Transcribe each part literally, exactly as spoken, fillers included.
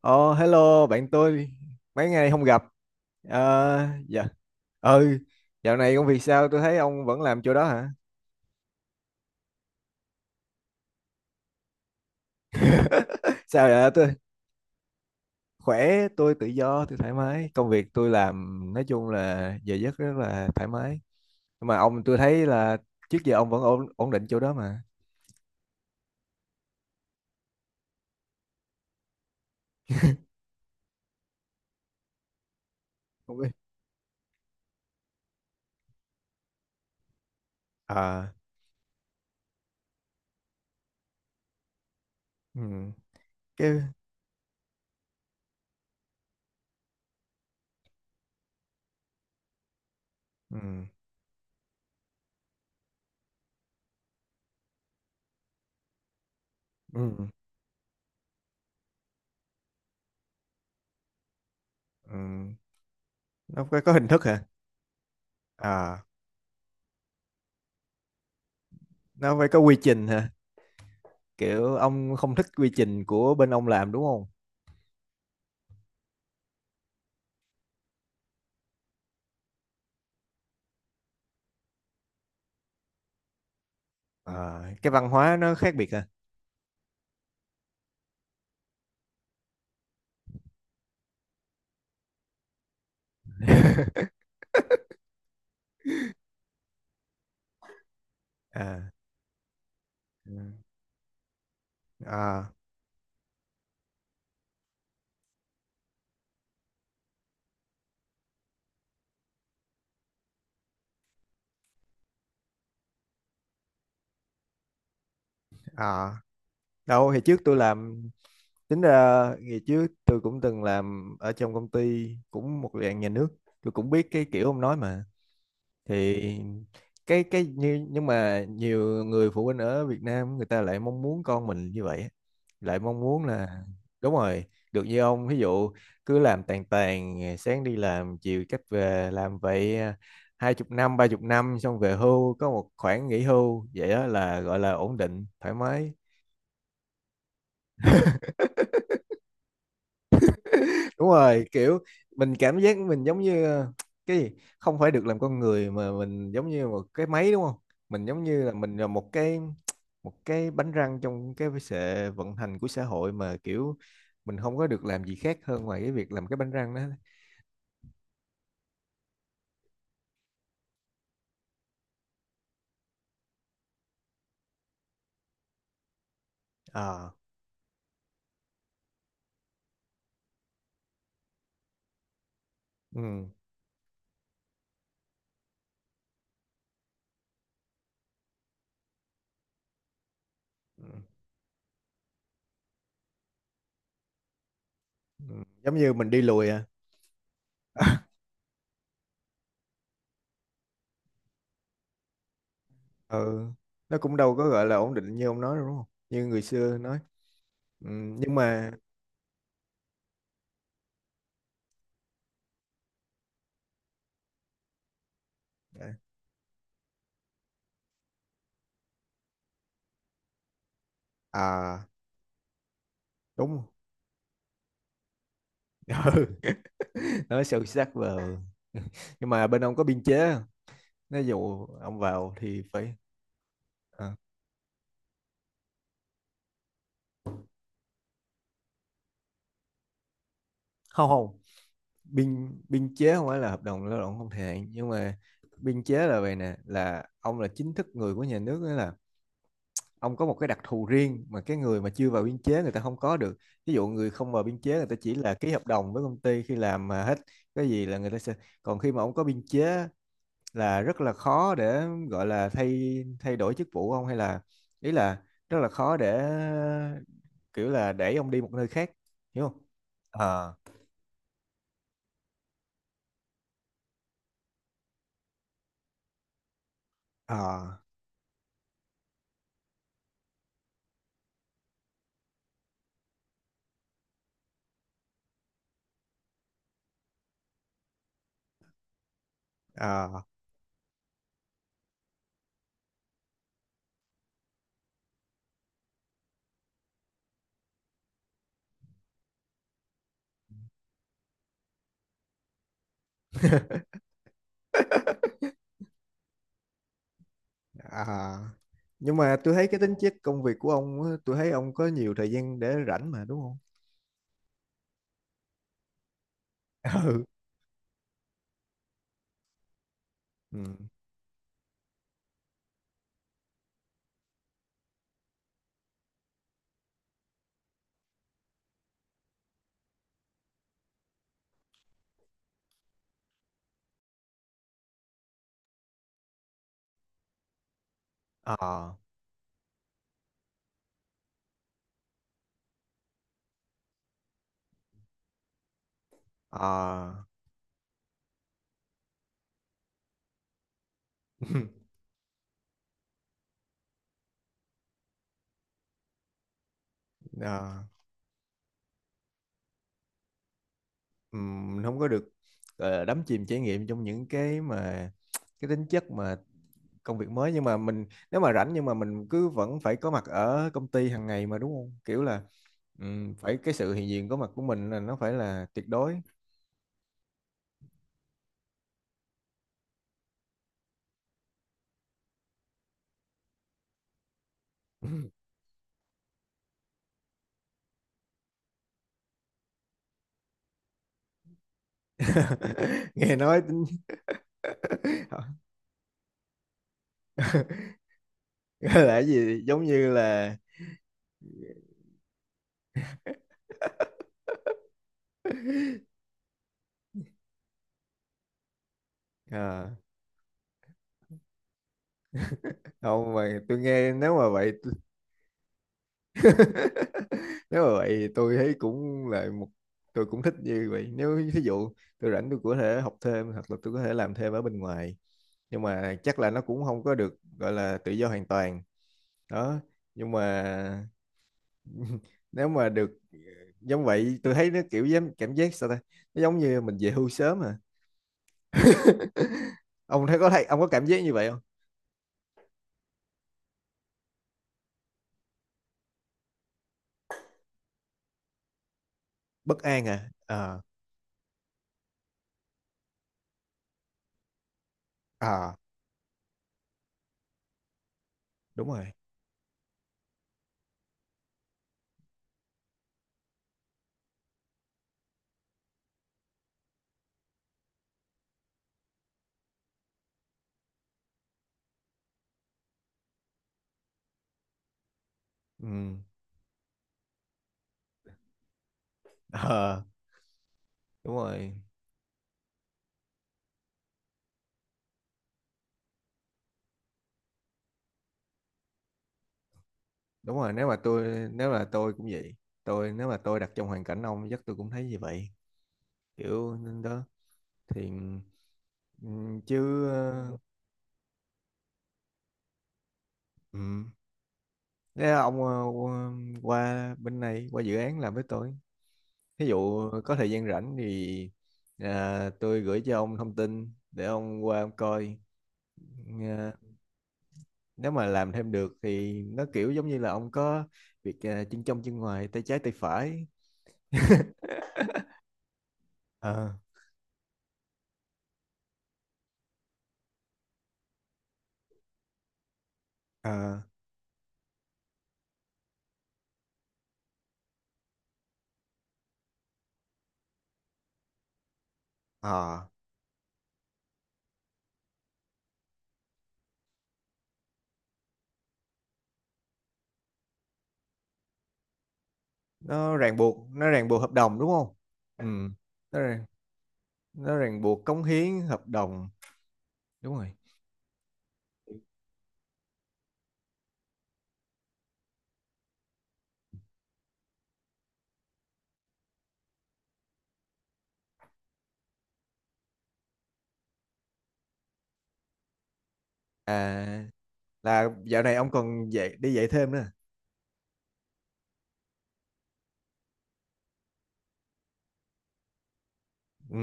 Ờ, Hello bạn tôi, mấy ngày không gặp. Ờ, dạ. Ừ, dạo này công việc sao, tôi thấy ông vẫn làm chỗ đó hả? Sao vậy tôi? Khỏe, tôi tự do, tôi thoải mái, công việc tôi làm nói chung là giờ giấc rất là thoải mái. Nhưng mà ông, tôi thấy là trước giờ ông vẫn ổn ổn định chỗ đó mà. Không biết. À. Ừ. Cái. Ừ. Ừ. Ừ. Nó phải có hình thức hả? À. Nó phải có quy trình hả? Kiểu ông không thích quy trình của bên ông làm đúng. Ờ, cái văn hóa nó khác biệt à? À. Ừ. À. À. Đâu thì trước tôi làm. Tính ra ngày trước tôi cũng từng làm ở trong công ty cũng một dạng nhà nước, tôi cũng biết cái kiểu ông nói mà. Thì cái cái như nhưng mà nhiều người phụ huynh ở Việt Nam người ta lại mong muốn con mình như vậy á. Lại mong muốn là đúng rồi, được như ông ví dụ cứ làm tàn tàn, sáng đi làm, chiều cách về làm vậy à, hai chục năm ba chục năm xong về hưu có một khoản nghỉ hưu, vậy đó là gọi là ổn định thoải mái. Đúng rồi, kiểu mình cảm giác mình giống như ờ, cái gì, không phải được làm con người mà mình giống như một cái máy đúng không? Mình giống như là mình là một cái một cái bánh răng trong cái sự vận hành của xã hội, mà kiểu mình không có được làm gì khác hơn ngoài cái việc làm cái bánh răng đó. Ờ. Ừ. Ừ. Ừ. Giống như mình đi lùi à? Ừ, nó cũng đâu có gọi là ổn định như ông nói đâu, đúng không, như người xưa nói. Ừ, nhưng mà à, à, đúng. Ừ. Nói sâu sắc vào. Nhưng mà bên ông có biên chế không? Nếu dụ ông vào thì phải à, không, không. Biên biên chế không phải là hợp đồng lao động không thời hạn, nhưng mà biên chế là vậy nè, là ông là chính thức người của nhà nước, nghĩa là ông có một cái đặc thù riêng mà cái người mà chưa vào biên chế người ta không có được. Ví dụ người không vào biên chế người ta chỉ là ký hợp đồng với công ty, khi làm mà hết cái gì là người ta sẽ, còn khi mà ông có biên chế là rất là khó để gọi là thay thay đổi chức vụ không hay là, ý là rất là khó để kiểu là để ông đi một nơi khác, hiểu không? Ờ. Ờ. Ờ. Ờ. Nhưng mà tôi thấy cái tính chất công việc của ông á, tôi thấy ông có nhiều thời gian để rảnh mà đúng không? Ừ. Ừ. Ờ. Ờ. Ờ. Ừm, mình không có được ờ, đắm chìm trải nghiệm trong những cái mà cái tính chất mà công việc mới, nhưng mà mình nếu mà rảnh nhưng mà mình cứ vẫn phải có mặt ở công ty hàng ngày mà đúng không, kiểu là ừm, phải cái sự hiện diện có mặt của mình là nó phải là tuyệt đối. Nghe nói tính- gọi là cái gì giống như là à, không mà tôi nghe, nếu mà vậy, nếu mà vậy tôi thấy cũng là một, tôi cũng thích như vậy nếu ví dụ tôi rảnh tôi có thể học thêm hoặc là tôi có thể làm thêm ở bên ngoài, nhưng mà chắc là nó cũng không có được gọi là tự do hoàn toàn. Đó, nhưng mà nếu mà được giống vậy tôi thấy nó kiểu giống cảm giác sao ta, nó giống như mình về hưu sớm à. Ông thấy có thấy ông có cảm giác như vậy không? Bất an à? Ờ, à, đúng rồi. Ừ. Ờ. Đúng rồi. Đúng rồi, nếu mà tôi nếu là tôi cũng vậy, tôi nếu mà tôi đặt trong hoàn cảnh ông chắc tôi cũng thấy như vậy, kiểu nên đó. Thì ừm, chứ ờ, ừm, nếu là ông ờ, qua qua bên này qua dự án làm với tôi, ví dụ có thời gian rảnh thì à, tôi gửi cho ông thông tin để ông qua ông coi. Ờ, nếu mà làm thêm được thì nó kiểu giống như là ông có việc à, chân trong chân ngoài tay trái tay phải. Ờ. Ờ. Ờ. Nó ràng buộc, nó ràng buộc hợp đồng đúng không? Ừ, nó ràng, nó ràng buộc cống hiến hợp đồng. Đúng rồi. À, là dạo này ông còn dạy đi dạy thêm nữa à? Ừ.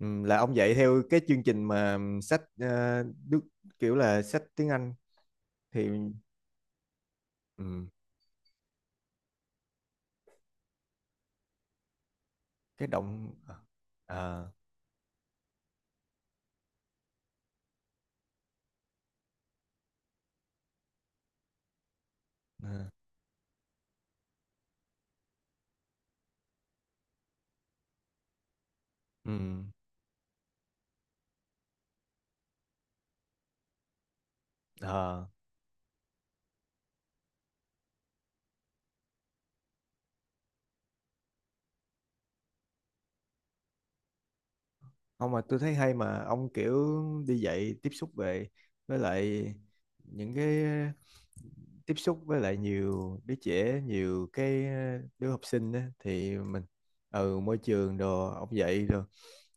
Ừ, là ông dạy theo cái chương trình mà sách ờ, Đức, kiểu là sách tiếng Anh thì ừ, cái động à, à, ừ, à. Ông mà tôi thấy hay mà ông kiểu đi dạy tiếp xúc về với lại những cái, tiếp xúc với lại nhiều đứa trẻ, nhiều cái ờ, đứa học sinh á thì mình ừ, môi trường đồ ông dạy rồi,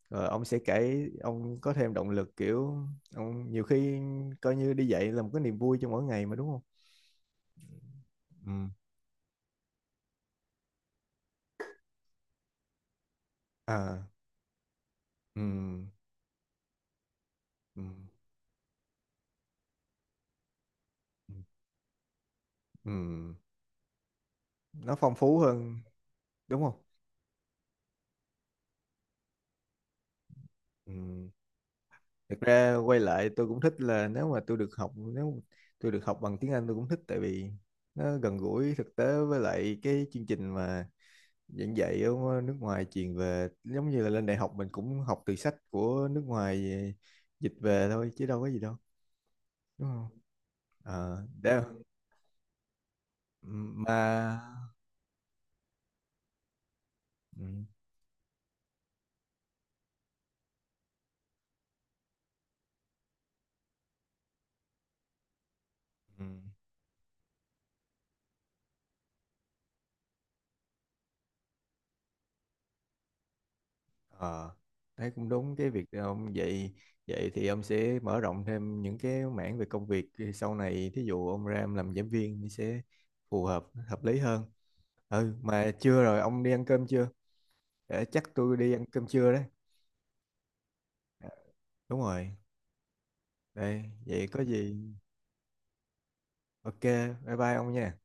rồi ông sẽ kể ông có thêm động lực, kiểu ông nhiều khi coi như đi dạy là một cái niềm vui trong mỗi ngày mà đúng không? Ừ. À. Ừ. Ừ. Ừ. Ừ. Nó phong phú hơn đúng không? Ừ. Thực ra quay lại tôi cũng thích là nếu mà tôi được học, nếu tôi được học bằng tiếng Anh tôi cũng thích tại vì nó gần gũi thực tế, với lại cái chương trình mà giảng dạy ở nước ngoài truyền về giống như là lên đại học mình cũng học từ sách của nước ngoài dịch về thôi chứ đâu có gì đâu, đúng không? Ờ, để mà ừ, ừ. Ờ, thấy cũng đúng cái việc đó ông vậy, vậy thì ông sẽ mở rộng thêm những cái mảng về công việc sau này, thí dụ ông ra ông làm giảng viên thì sẽ phù hợp, hợp lý hơn. Ừ mà chưa, rồi ông đi ăn cơm chưa? Để chắc tôi đi ăn cơm trưa đấy. À, đúng rồi. Đây vậy có gì ok, bye bye ông nha.